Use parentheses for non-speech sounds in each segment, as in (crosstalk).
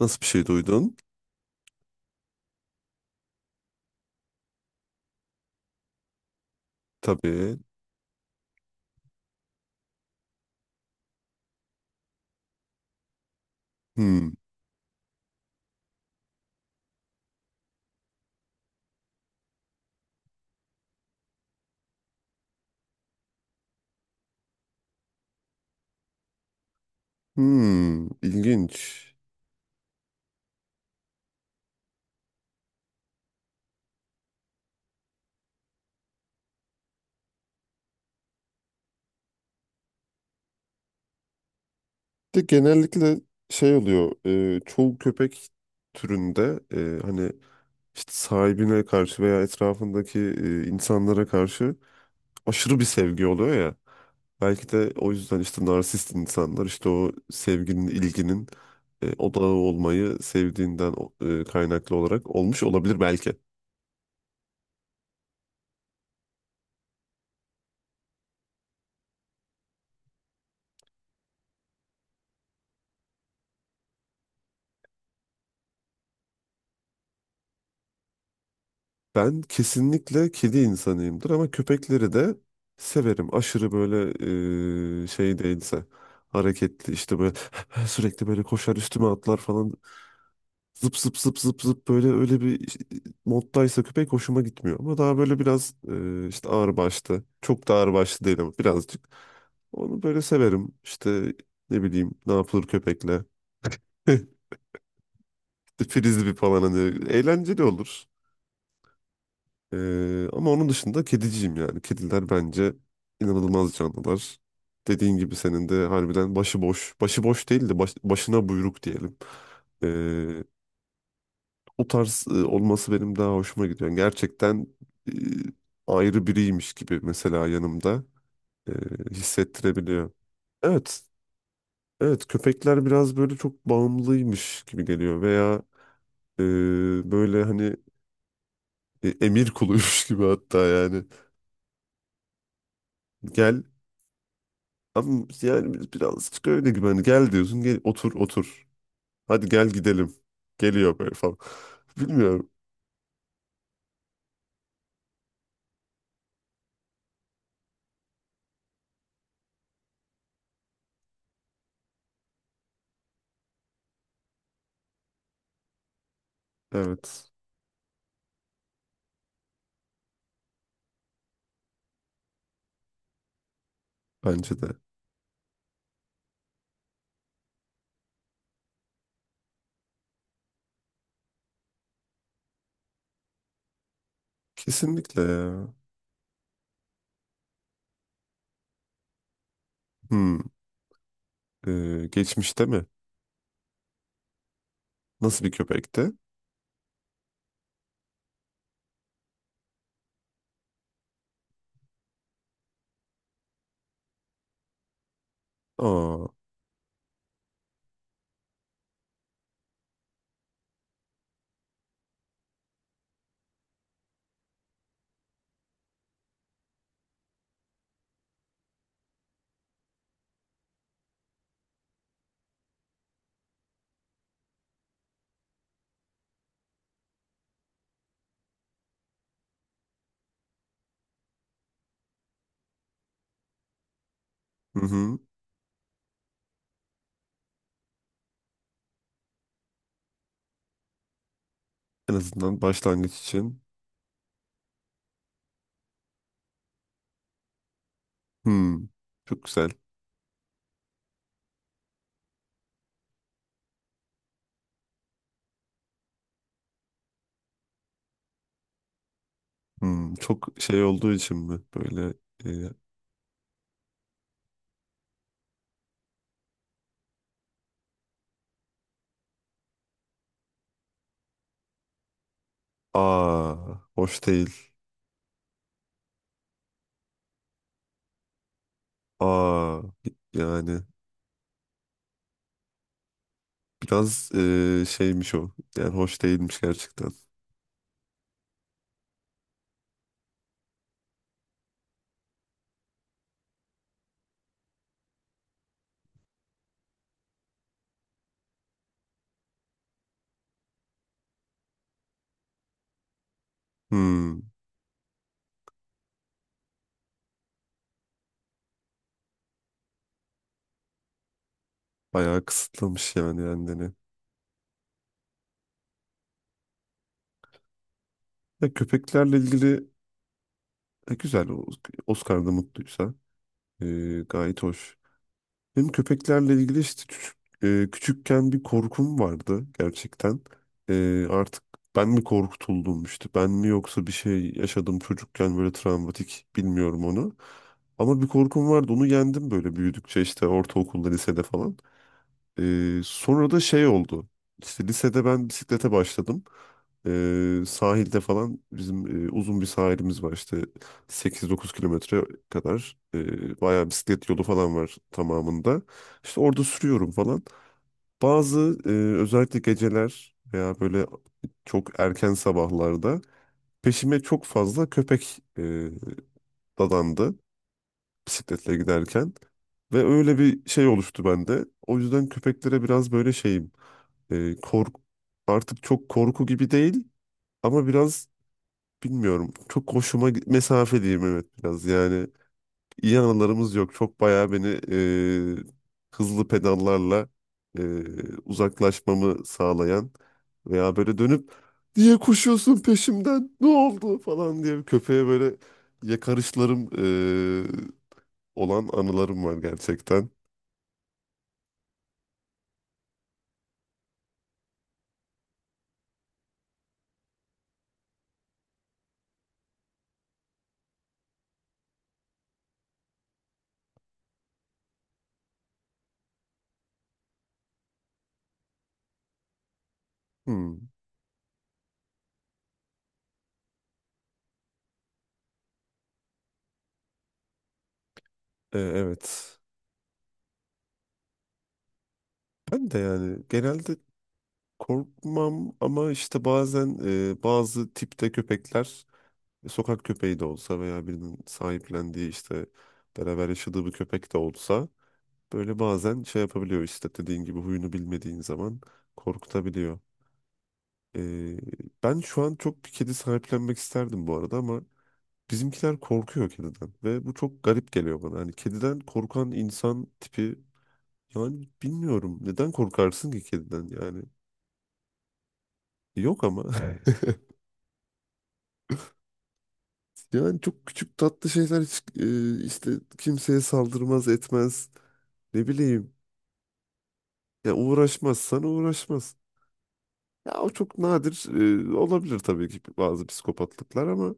Nasıl bir şey duydun? Tabii. Hmm. Hmm. İlginç. De genellikle şey oluyor. Çoğu köpek türünde hani işte sahibine karşı veya etrafındaki insanlara karşı aşırı bir sevgi oluyor ya. Belki de o yüzden işte narsist insanlar işte o sevginin, ilginin odağı olmayı sevdiğinden kaynaklı olarak olmuş olabilir belki. Ben kesinlikle kedi insanıyımdır ama köpekleri de severim. Aşırı böyle şey değilse hareketli işte böyle (laughs) sürekli böyle koşar üstüme atlar falan zıp zıp zıp zıp zıp böyle öyle bir işte moddaysa köpek hoşuma gitmiyor. Ama daha böyle biraz işte ağırbaşlı çok da ağırbaşlı değil ama birazcık onu böyle severim. İşte ne bileyim ne yapılır köpekle (laughs) frisbee falan hani eğlenceli olur. Ama onun dışında kediciyim yani. Kediler bence inanılmaz canlılar. Dediğin gibi senin de harbiden başıboş. Başıboş değil de başına buyruk diyelim. Ee, O tarz olması benim daha hoşuma gidiyor. Yani gerçekten e, ayrı biriymiş gibi mesela yanımda e, hissettirebiliyor. Evet, evet, köpekler biraz böyle çok bağımlıymış gibi geliyor veya e, böyle hani emir kuluymuş (laughs) gibi hatta yani. Gel. Abi yani biz birazcık öyle gibi hani gel diyorsun, gel otur otur. Hadi gel gidelim. Geliyor böyle falan. (laughs) Bilmiyorum. Evet. Bence de. Kesinlikle ya. Hmm. Geçmişte mi? Nasıl bir köpekti? Aa. Hı hı. En azından başlangıç için. Hmm. Çok güzel. Hmm. Çok şey olduğu için mi? Böyle e, aa, hoş değil. Aa, yani biraz şeymiş o. Yani hoş değilmiş gerçekten. Hmm. Bayağı kısıtlamış yani kendini. Ya köpeklerle ilgili güzel. Oscar'da mutluysa e, gayet hoş. Benim köpeklerle ilgili işte küçük, küçükken bir korkum vardı gerçekten. Artık ben mi korkutuldum işte ben mi yoksa bir şey yaşadım çocukken böyle travmatik, bilmiyorum onu. Ama bir korkum vardı, onu yendim böyle büyüdükçe işte ortaokulda lisede falan. Sonra da şey oldu. İşte lisede ben bisiklete başladım. Sahilde falan bizim uzun bir sahilimiz var işte, 8 9 kilometre kadar. Bayağı bisiklet yolu falan var tamamında. İşte orada sürüyorum falan. Bazı özellikle geceler veya böyle çok erken sabahlarda peşime çok fazla köpek dadandı bisikletle giderken. Ve öyle bir şey oluştu bende. O yüzden köpeklere biraz böyle şeyim. Korku artık çok korku gibi değil ama biraz bilmiyorum. Çok hoşuma mesafe diyeyim, evet biraz. Yani iyi anılarımız yok. Çok bayağı beni e, hızlı pedallarla e, uzaklaşmamı sağlayan veya böyle dönüp niye koşuyorsun peşimden, ne oldu falan diye köpeğe böyle yakarışlarım e, olan anılarım var gerçekten. Hmm. Evet. Ben de yani genelde korkmam ama işte bazen bazı tipte köpekler, sokak köpeği de olsa veya birinin sahiplendiği, işte beraber yaşadığı bir köpek de olsa, böyle bazen şey yapabiliyor işte dediğin gibi huyunu bilmediğin zaman korkutabiliyor. E, Ben şu an çok bir kedi sahiplenmek isterdim bu arada ama bizimkiler korkuyor kediden ve bu çok garip geliyor bana. Hani kediden korkan insan tipi yani bilmiyorum neden korkarsın ki kediden, yani yok ama. (laughs) Yani çok küçük tatlı şeyler hiç işte kimseye saldırmaz etmez. Ne bileyim. Ya uğraşmaz, sana uğraşmaz. Ya o çok nadir olabilir tabii ki bazı psikopatlıklar ama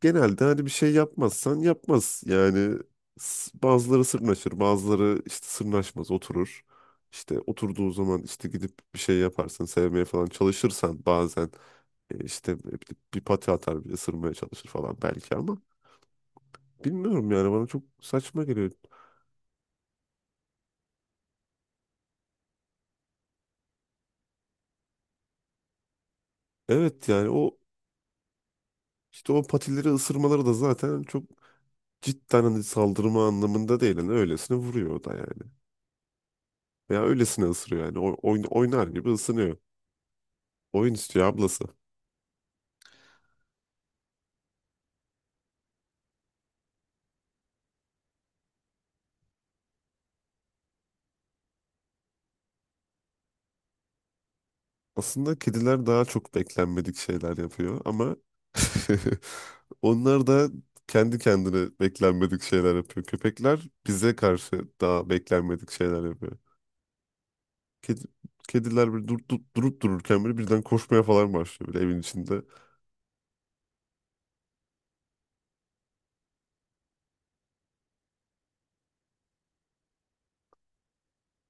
genelde hani bir şey yapmazsan yapmaz. Yani bazıları sırnaşır, bazıları işte sırnaşmaz, oturur. İşte oturduğu zaman işte gidip bir şey yaparsın, sevmeye falan çalışırsan bazen işte bir pati atar, bir ısırmaya çalışır falan belki ama bilmiyorum yani bana çok saçma geliyor. Evet yani o işte o patileri ısırmaları da zaten çok cidden hani saldırma anlamında değil. Yani öylesine vuruyor o da yani. Veya öylesine ısırıyor yani. O, oynar gibi ısınıyor. Oyun istiyor ablası. Aslında kediler daha çok beklenmedik şeyler yapıyor ama (laughs) onlar da kendi kendine beklenmedik şeyler yapıyor. Köpekler bize karşı daha beklenmedik şeyler yapıyor. Kedi, Kediler böyle durup dururken böyle birden koşmaya falan başlıyor böyle evin içinde.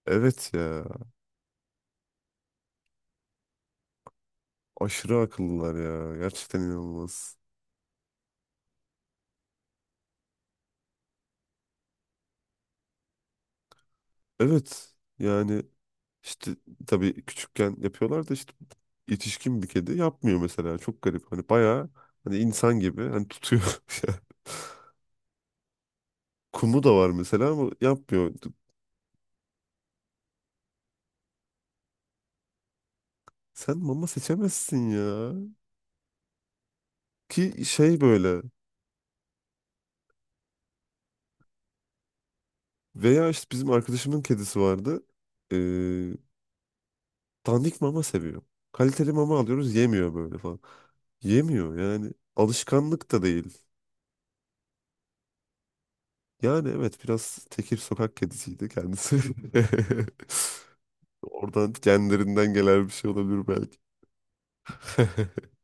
Evet ya. Aşırı akıllılar ya. Gerçekten inanılmaz. Evet. Yani işte tabii küçükken yapıyorlar da işte yetişkin bir kedi yapmıyor mesela. Çok garip. Hani bayağı hani insan gibi hani tutuyor. (laughs) Kumu da var mesela ama yapmıyor. Sen mama seçemezsin ya. Ki şey böyle veya işte bizim arkadaşımın kedisi vardı. Ee, Dandik mama seviyor. Kaliteli mama alıyoruz, yemiyor böyle falan. Yemiyor yani. Alışkanlık da değil. Yani evet biraz tekir sokak kedisiydi kendisi. (laughs) Oradan genlerinden gelen bir şey olabilir belki. (laughs)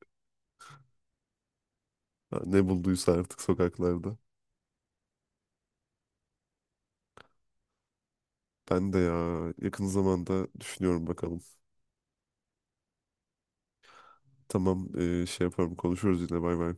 Ha, ne bulduysa artık sokaklarda. Ben de ya, yakın zamanda düşünüyorum, bakalım. Tamam, şey yaparım, konuşuruz yine, bay bay.